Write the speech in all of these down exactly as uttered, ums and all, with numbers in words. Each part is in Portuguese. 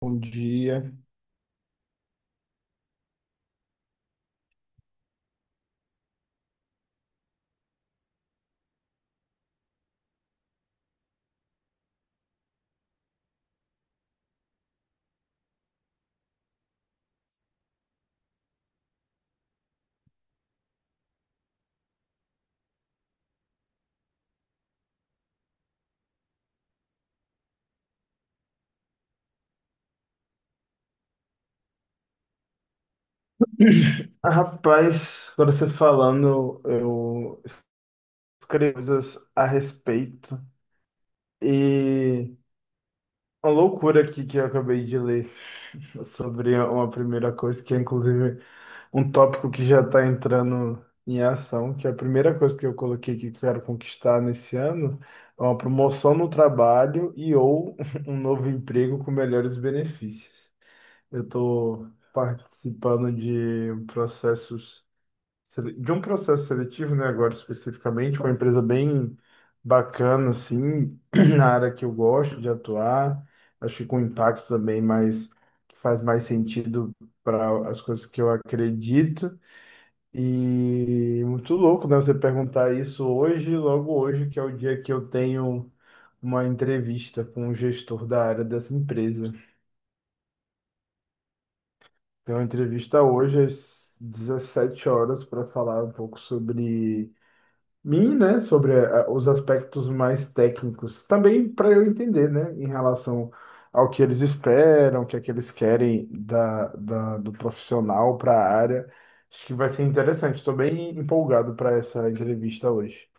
Bom dia. Ah, Rapaz, agora você falando, eu escrevi coisas a respeito. E uma loucura aqui que eu acabei de ler sobre uma primeira coisa, que é inclusive um tópico que já está entrando em ação, que é a primeira coisa que eu coloquei que quero conquistar nesse ano é uma promoção no trabalho e ou um novo emprego com melhores benefícios. Eu estou participando de processos sele- de um processo seletivo, né, agora especificamente, uma empresa bem bacana, assim, na área que eu gosto de atuar, acho que com impacto também, mas que faz mais sentido para as coisas que eu acredito. E muito louco, né, você perguntar isso hoje, logo hoje, que é o dia que eu tenho uma entrevista com o gestor da área dessa empresa. Tenho uma entrevista hoje às dezessete horas para falar um pouco sobre mim, né, sobre eh, eh, os aspectos mais técnicos, também para eu entender, né, em relação ao que eles esperam, o que é que eles querem da, da- do profissional para a área. Acho que vai ser interessante. Estou bem empolgado para essa entrevista hoje.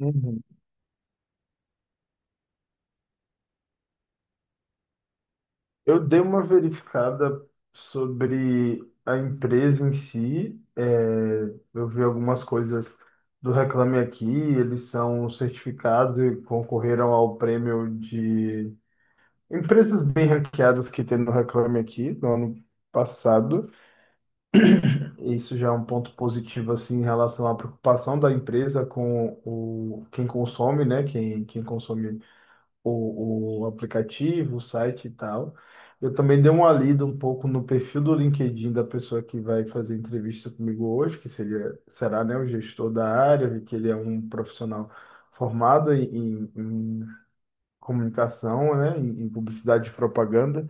Uhum. Eu dei uma verificada sobre a empresa em si. É, eu vi algumas coisas do Reclame Aqui. Eles são certificados e concorreram ao prêmio de empresas bem ranqueadas que tem no Reclame Aqui no ano passado. E isso já é um ponto positivo assim em relação à preocupação da empresa com o quem consome, né? Quem, quem consome o, o aplicativo, o site e tal. Eu também dei uma lida um pouco no perfil do LinkedIn da pessoa que vai fazer entrevista comigo hoje, que seria, será, né, o gestor da área, vi que ele é um profissional formado em, em, em comunicação, né, em, em publicidade e propaganda,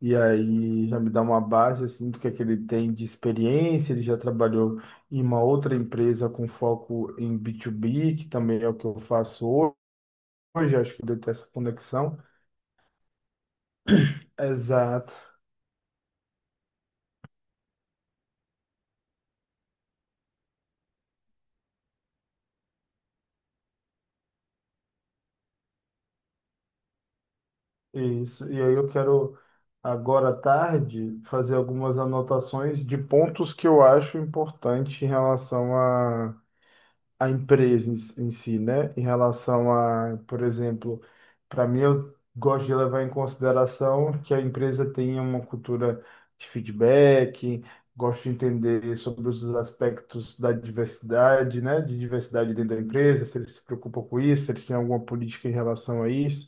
e aí já me dá uma base assim do que é que ele tem de experiência, ele já trabalhou em uma outra empresa com foco em B dois B, que também é o que eu faço hoje, acho que ele tem essa conexão. Exato, isso. E aí eu quero agora à tarde fazer algumas anotações de pontos que eu acho importante em relação a empresa em si, em si, né? Em relação a, por exemplo, para mim eu gosto de levar em consideração que a empresa tenha uma cultura de feedback, gosto de entender sobre os aspectos da diversidade, né? De diversidade dentro da empresa, se eles se preocupam com isso, se eles têm alguma política em relação a isso.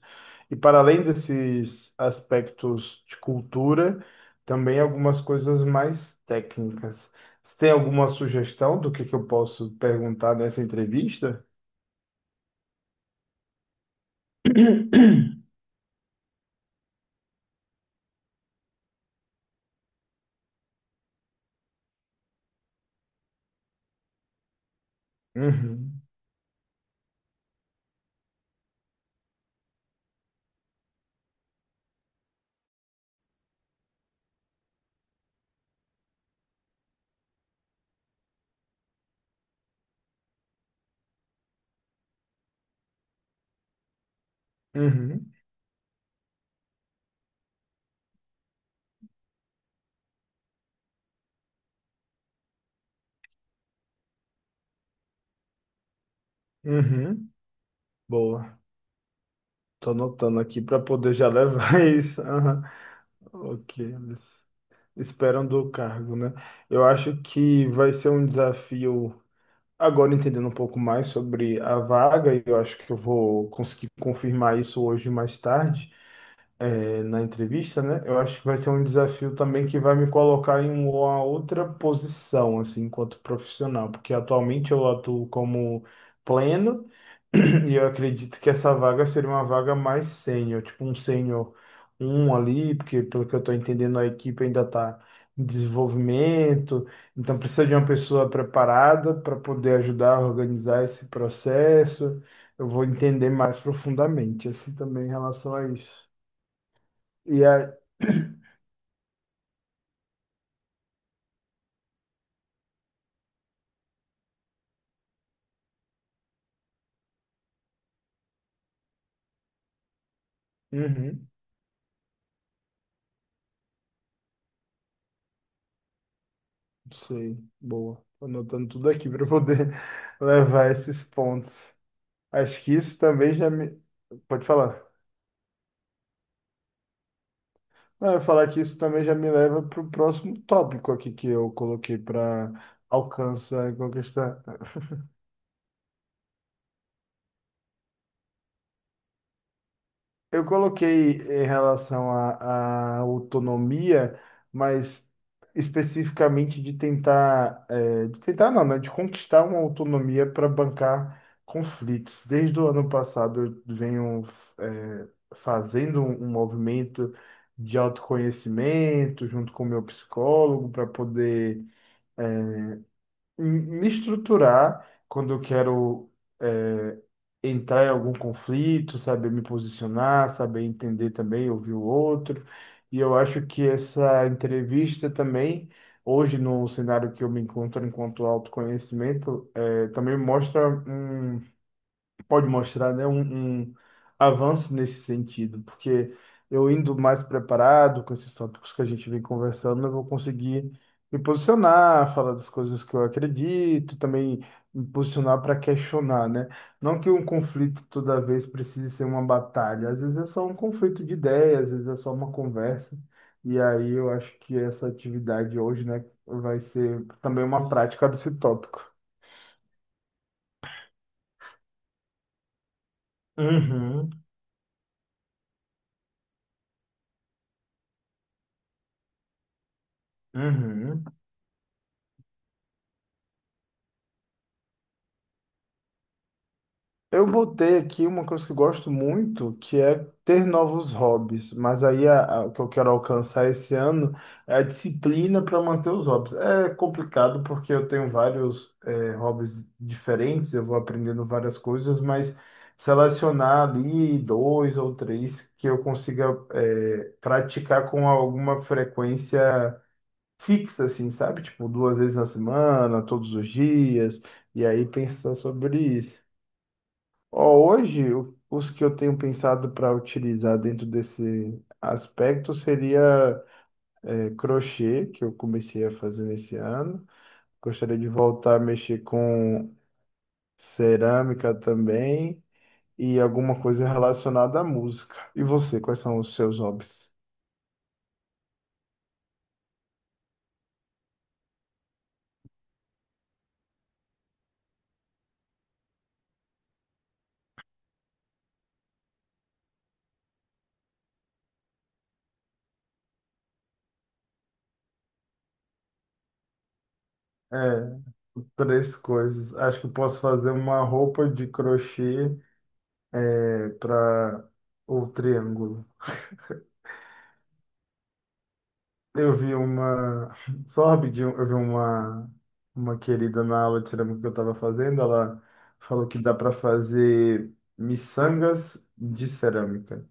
E para além desses aspectos de cultura, também algumas coisas mais técnicas. Você tem alguma sugestão do que que eu posso perguntar nessa entrevista? Uhum, uhum, uhum. boa. Tô anotando aqui para poder já levar isso. Aham. O que eles esperam do cargo, né? Eu acho que vai ser um desafio. Agora entendendo um pouco mais sobre a vaga, e eu acho que eu vou conseguir confirmar isso hoje mais tarde. Eh, na entrevista, né? Eu acho que vai ser um desafio também que vai me colocar em uma outra posição, assim, enquanto profissional, porque atualmente eu atuo como pleno, e eu acredito que essa vaga seria uma vaga mais sênior, tipo um sênior um ali, porque pelo que eu estou entendendo, a equipe ainda está em desenvolvimento, então precisa de uma pessoa preparada para poder ajudar a organizar esse processo. Eu vou entender mais profundamente, assim, também em relação a isso. E a... Uhum, sei, boa. Tô anotando tudo aqui para poder levar esses pontos. Acho que isso também já me. Pode falar. Não, eu ia falar que isso também já me leva para o próximo tópico aqui que eu coloquei para alcançar e conquistar. Eu coloquei em relação à à autonomia, mas especificamente de tentar, eh, de tentar não, né, de conquistar uma autonomia para bancar conflitos. Desde o ano passado eu venho, eh, fazendo um um movimento de autoconhecimento junto com o meu psicólogo para poder me estruturar quando eu quero eh, entrar em algum conflito, saber me posicionar, saber entender também, ouvir o outro. E eu acho que essa entrevista também, hoje no cenário que eu me encontro enquanto autoconhecimento, eh, também mostra um pode mostrar, né, um, um avanço nesse sentido, porque eu indo mais preparado com esses tópicos que a gente vem conversando, eu vou conseguir me posicionar, falar das coisas que eu acredito, também me posicionar para questionar, né? Não que um conflito toda vez precise ser uma batalha, às vezes é só um conflito de ideias, às vezes é só uma conversa. E aí eu acho que essa atividade hoje, né, vai ser também uma prática desse tópico. Uhum, uhum. Eu botei aqui uma coisa que eu gosto muito, que é ter novos hobbies. Mas aí a- a- o que eu quero alcançar esse ano é a disciplina para manter os hobbies. É complicado porque eu tenho vários eh, hobbies diferentes, eu vou aprendendo várias coisas, mas selecionar ali dois ou três que eu consiga eh, praticar com alguma frequência fixa, assim, sabe? Tipo, duas vezes na semana, todos os dias, e aí pensar sobre isso. Ó, hoje, o- os que eu tenho pensado para utilizar dentro desse aspecto seria é, crochê, que eu comecei a fazer nesse ano. Gostaria de voltar a mexer com cerâmica também e alguma coisa relacionada à música. E você, quais são os seus hobbies? É, três coisas. Acho que posso fazer uma roupa de crochê para o triângulo. Eu vi uma. Só rapidinho, eu vi uma, uma querida na aula de cerâmica que eu estava fazendo. Ela falou que dá para fazer miçangas de cerâmica.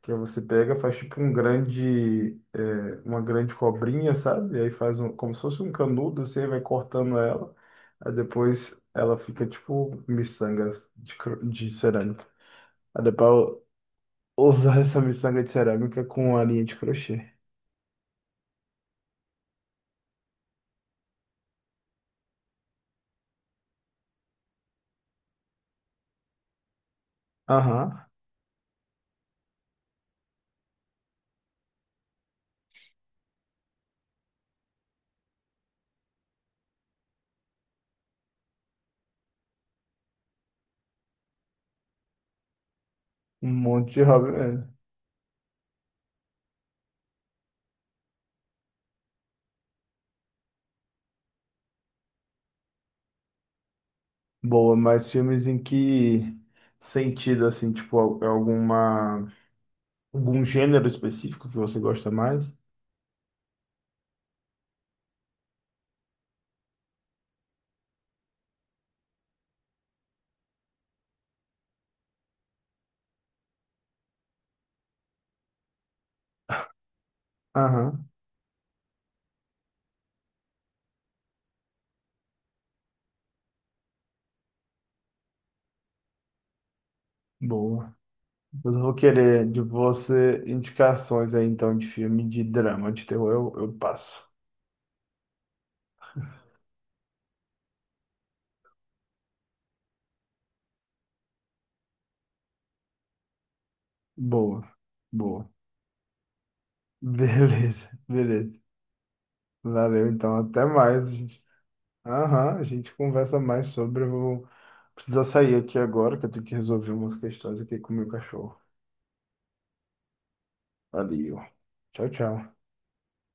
Que aí você pega, faz tipo um grande. É, uma grande cobrinha, sabe? E aí faz um, como se fosse um canudo, você vai cortando ela. Aí depois ela fica tipo miçangas de, cro- de cerâmica. Aí depois usar essa miçanga de cerâmica com a linha de crochê. Aham. Um monte de hobby mesmo. Boa, mas filmes em que sentido, assim, tipo, al- é alguma, algum gênero específico que você gosta mais? Aham, boa. Mas eu vou querer de você indicações aí, então, de filme de drama, de terror, eu, eu passo. Boa, boa. Beleza, beleza. Valeu, então, até mais. Gente. Aham, a gente conversa mais sobre. Eu vou precisar sair aqui agora, que eu tenho que resolver umas questões aqui com o meu cachorro. Valeu. Tchau, tchau.